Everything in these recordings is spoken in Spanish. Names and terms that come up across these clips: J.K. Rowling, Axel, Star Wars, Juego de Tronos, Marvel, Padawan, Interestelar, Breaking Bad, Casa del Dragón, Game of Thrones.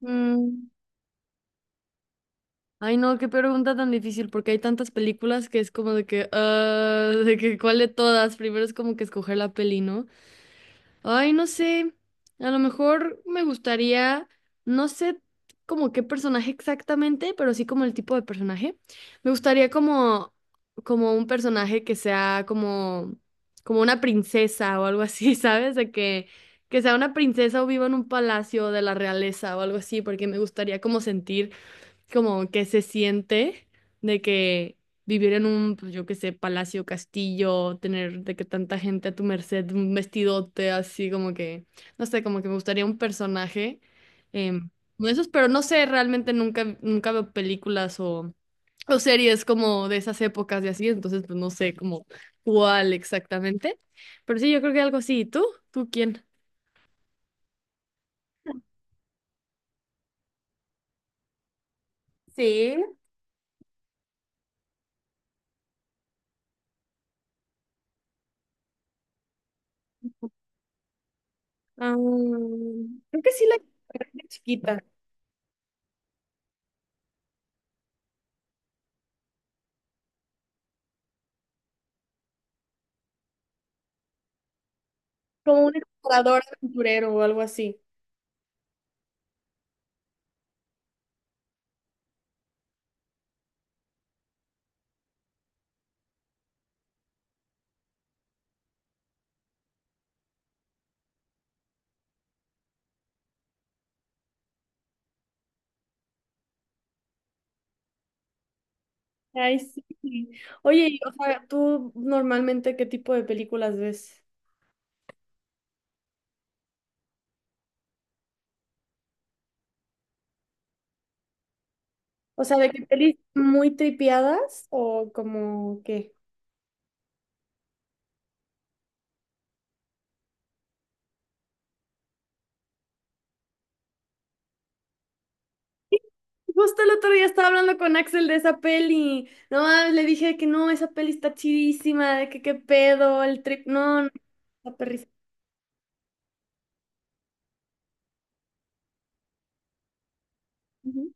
Mm, Ay, no, qué pregunta tan difícil, porque hay tantas películas que es como de que, ah, de que cuál de todas, primero es como que escoger la peli, ¿no? Ay, no sé, a lo mejor me gustaría, no sé como qué personaje exactamente, pero sí como el tipo de personaje. Me gustaría como, como, un personaje que sea como una princesa o algo así, ¿sabes? De que sea una princesa o viva en un palacio de la realeza o algo así, porque me gustaría como sentir como que se siente de que vivir en un, pues, yo qué sé, palacio, castillo, tener de que tanta gente a tu merced, un vestidote así como que, no sé, como que me gustaría un personaje em, de esos, pero no sé, realmente nunca, nunca veo películas o series como de esas épocas y así, entonces pues no sé como cuál exactamente, pero sí, yo creo que algo así. ¿Y tú? ¿Tú quién? Ah, creo que sí la era chiquita. Como un explorador aventurero o algo así. Ay, sí. Oye, y, o sea, ¿tú normalmente qué tipo de películas ves? O sea, ¿de qué pelis muy tripiadas o como qué? Justo el otro día estaba hablando con Axel de esa peli. No, mames, le dije que no, esa peli está chidísima, de que qué pedo, el trip. No, no, la perris- Ujú.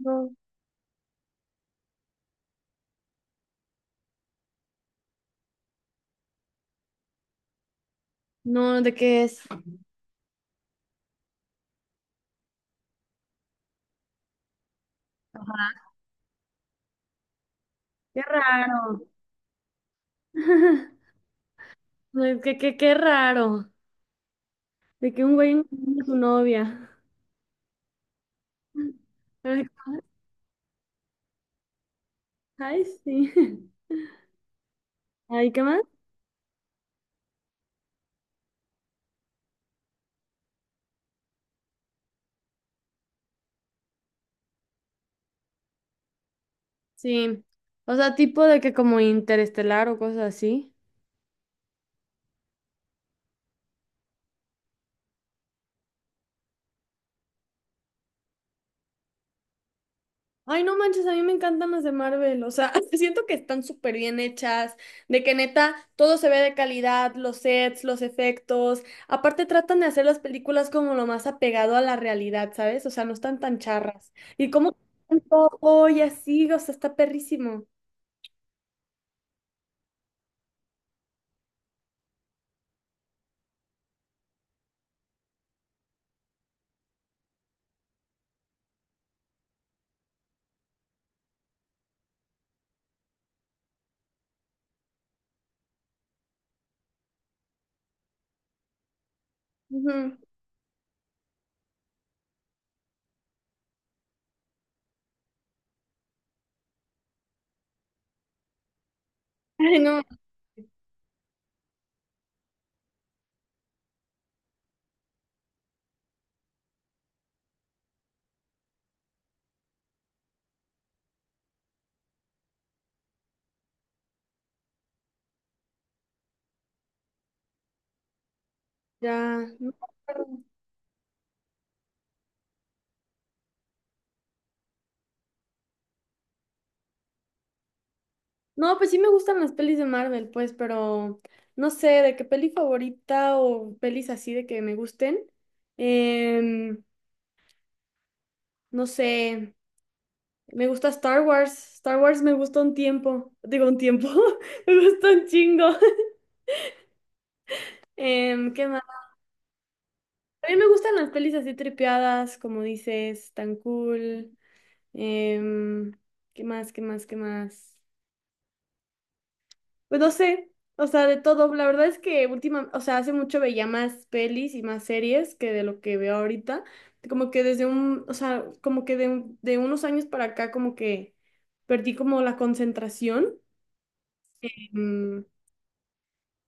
No, no, ¿de qué es? Ajá. Qué raro. No, Qué raro. De que un güey no tiene su novia. Ay, ay, sí. Ay, ¿qué más? Sí. O sea, tipo de que como Interestelar o cosas así. Ay, no manches, a mí me encantan las de Marvel. O sea, siento que están súper bien hechas. De que neta, todo se ve de calidad, los sets, los efectos. Aparte, tratan de hacer las películas como lo más apegado a la realidad, ¿sabes? O sea, no están tan charras. Y como todo y así, o sea, está perrísimo. Ujú. Ay, no. Ya. No. No, pues sí me gustan las pelis de Marvel, pues, pero no sé de qué peli favorita o pelis así de que me gusten. Em, no sé, me gusta Star Wars. Star Wars me gusta un tiempo, digo un tiempo, me gusta un chingo. ¿Qué más? También me gustan las pelis así tripeadas, como dices, tan cool. Em, ¿qué más? ¿Qué más? ¿Qué más? Pues no sé, o sea, de todo. La verdad es que última, o sea, hace mucho veía más pelis y más series que de lo que veo ahorita. Como que desde un, o sea, como que de, de unos años para acá, como que perdí como la concentración. Mm,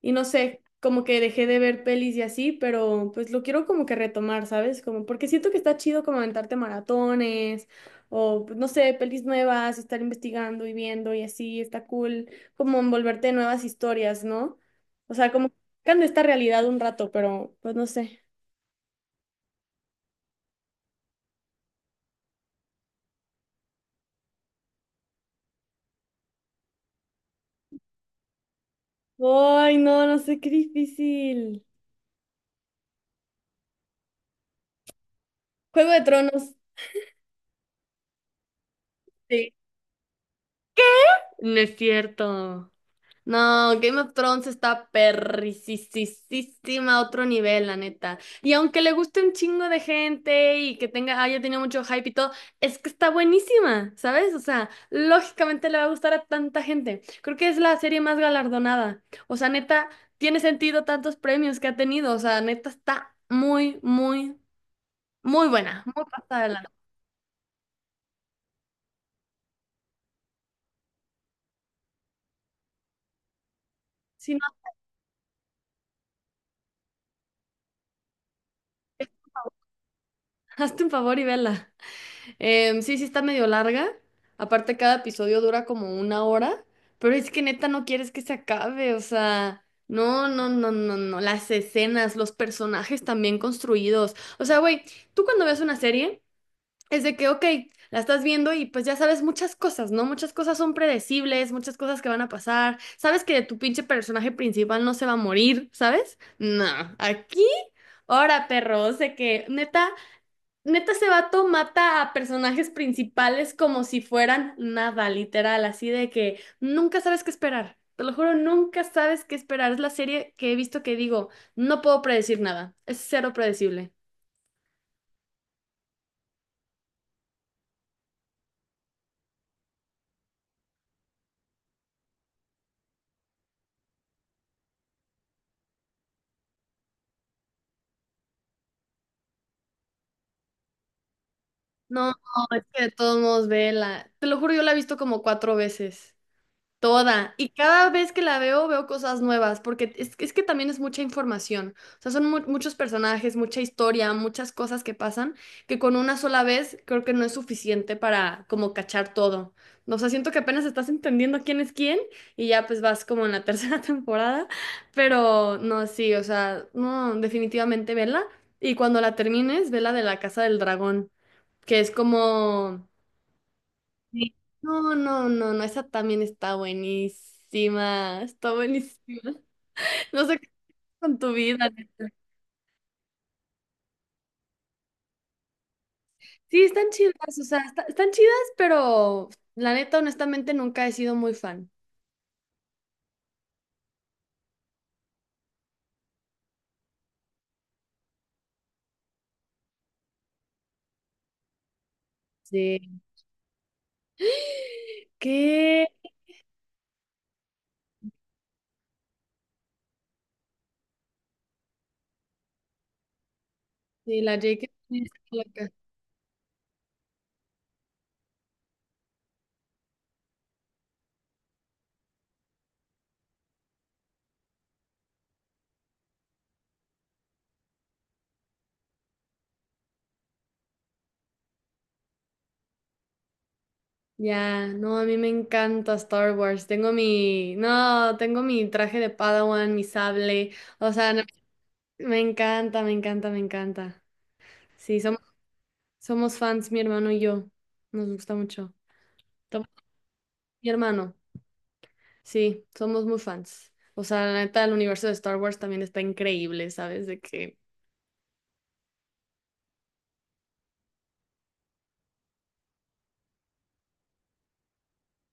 y no sé, como que dejé de ver pelis y así, pero pues lo quiero como que retomar, ¿sabes? Como porque siento que está chido como aventarte maratones o pues, no sé, pelis nuevas, estar investigando y viendo y así, está cool, como envolverte en nuevas historias, ¿no? O sea, como que esta realidad un rato, pero pues no sé. Ay, no, no sé, qué difícil. Juego de Tronos. Sí. No es cierto. No, Game of Thrones está perricisísima a otro nivel, la neta. Y aunque le guste un chingo de gente y que tenga, haya tenido mucho hype y todo, es que está buenísima, ¿sabes? O sea, lógicamente le va a gustar a tanta gente. Creo que es la serie más galardonada. O sea, neta, tiene sentido tantos premios que ha tenido. O sea, neta, está muy, muy, muy buena. Muy pasada de lanza. Si no, hazte un favor y vela. Sí, sí está medio larga. Aparte, cada episodio dura como una hora. Pero es que neta no quieres que se acabe. O sea, no, no, no, no, no. Las escenas, los personajes también construidos. O sea, güey, tú cuando ves una serie, es de que, ok, la estás viendo y pues ya sabes muchas cosas, ¿no? Muchas cosas son predecibles, muchas cosas que van a pasar. Sabes que tu pinche personaje principal no se va a morir, ¿sabes? No, aquí. Ahora, perro sé que neta. Neta, ese vato mata a personajes principales como si fueran nada, literal, así de que nunca sabes qué esperar. Te lo juro, nunca sabes qué esperar. Es la serie que he visto que digo, no puedo predecir nada. Es cero predecible. No, es que de todos modos, vela. Te lo juro, yo la he visto como cuatro veces. Toda. Y cada vez que la veo, veo cosas nuevas, porque es que también es mucha información. O sea, son muchos personajes, mucha historia, muchas cosas que pasan, que con una sola vez creo que no es suficiente para como cachar todo. O sea, siento que apenas estás entendiendo quién es quién y ya pues vas como en la tercera temporada, pero no, sí, o sea, no, definitivamente vela. Y cuando la termines, vela de la Casa del Dragón, que es como. Sí. No, no, no, no, esa también está buenísima, está buenísima. No sé qué haces con tu vida, neta. Sí, están chidas, o sea, están chidas, pero la neta, honestamente, nunca he sido muy fan. Sí. ¿Qué? Sí, la J.K. Rowling está loca. Ya, no, a mí me encanta Star Wars. Tengo mi, no, tengo mi traje de Padawan, mi sable. O sea, me encanta, me encanta, me encanta. Sí, somos fans, mi hermano y yo. Nos gusta mucho. Tom- Mi hermano, sí, somos muy fans. O sea, la neta, el universo de Star Wars también está increíble, ¿sabes? De que.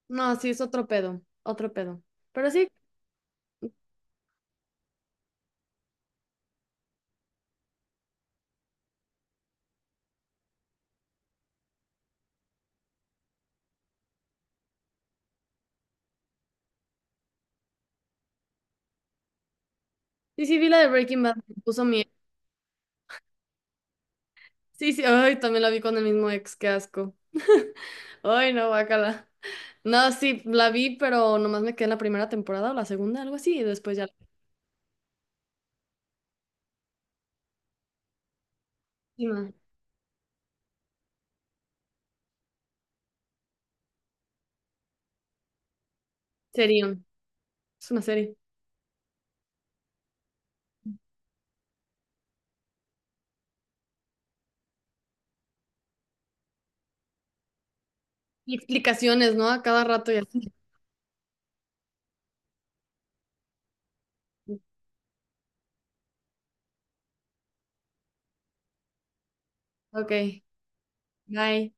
No, sí, es otro pedo, otro pedo. Pero sí, sí, sí, vi la de Breaking Bad, me puso mi. Sí, sí, ay, también la vi con el mismo ex, qué asco. Ay, no, guácala. No, sí, la vi, pero nomás me quedé en la primera temporada o la segunda, algo así, y después ya la última. Serión, es una serie. Y explicaciones, ¿no? A cada rato y así. Ok. Bye.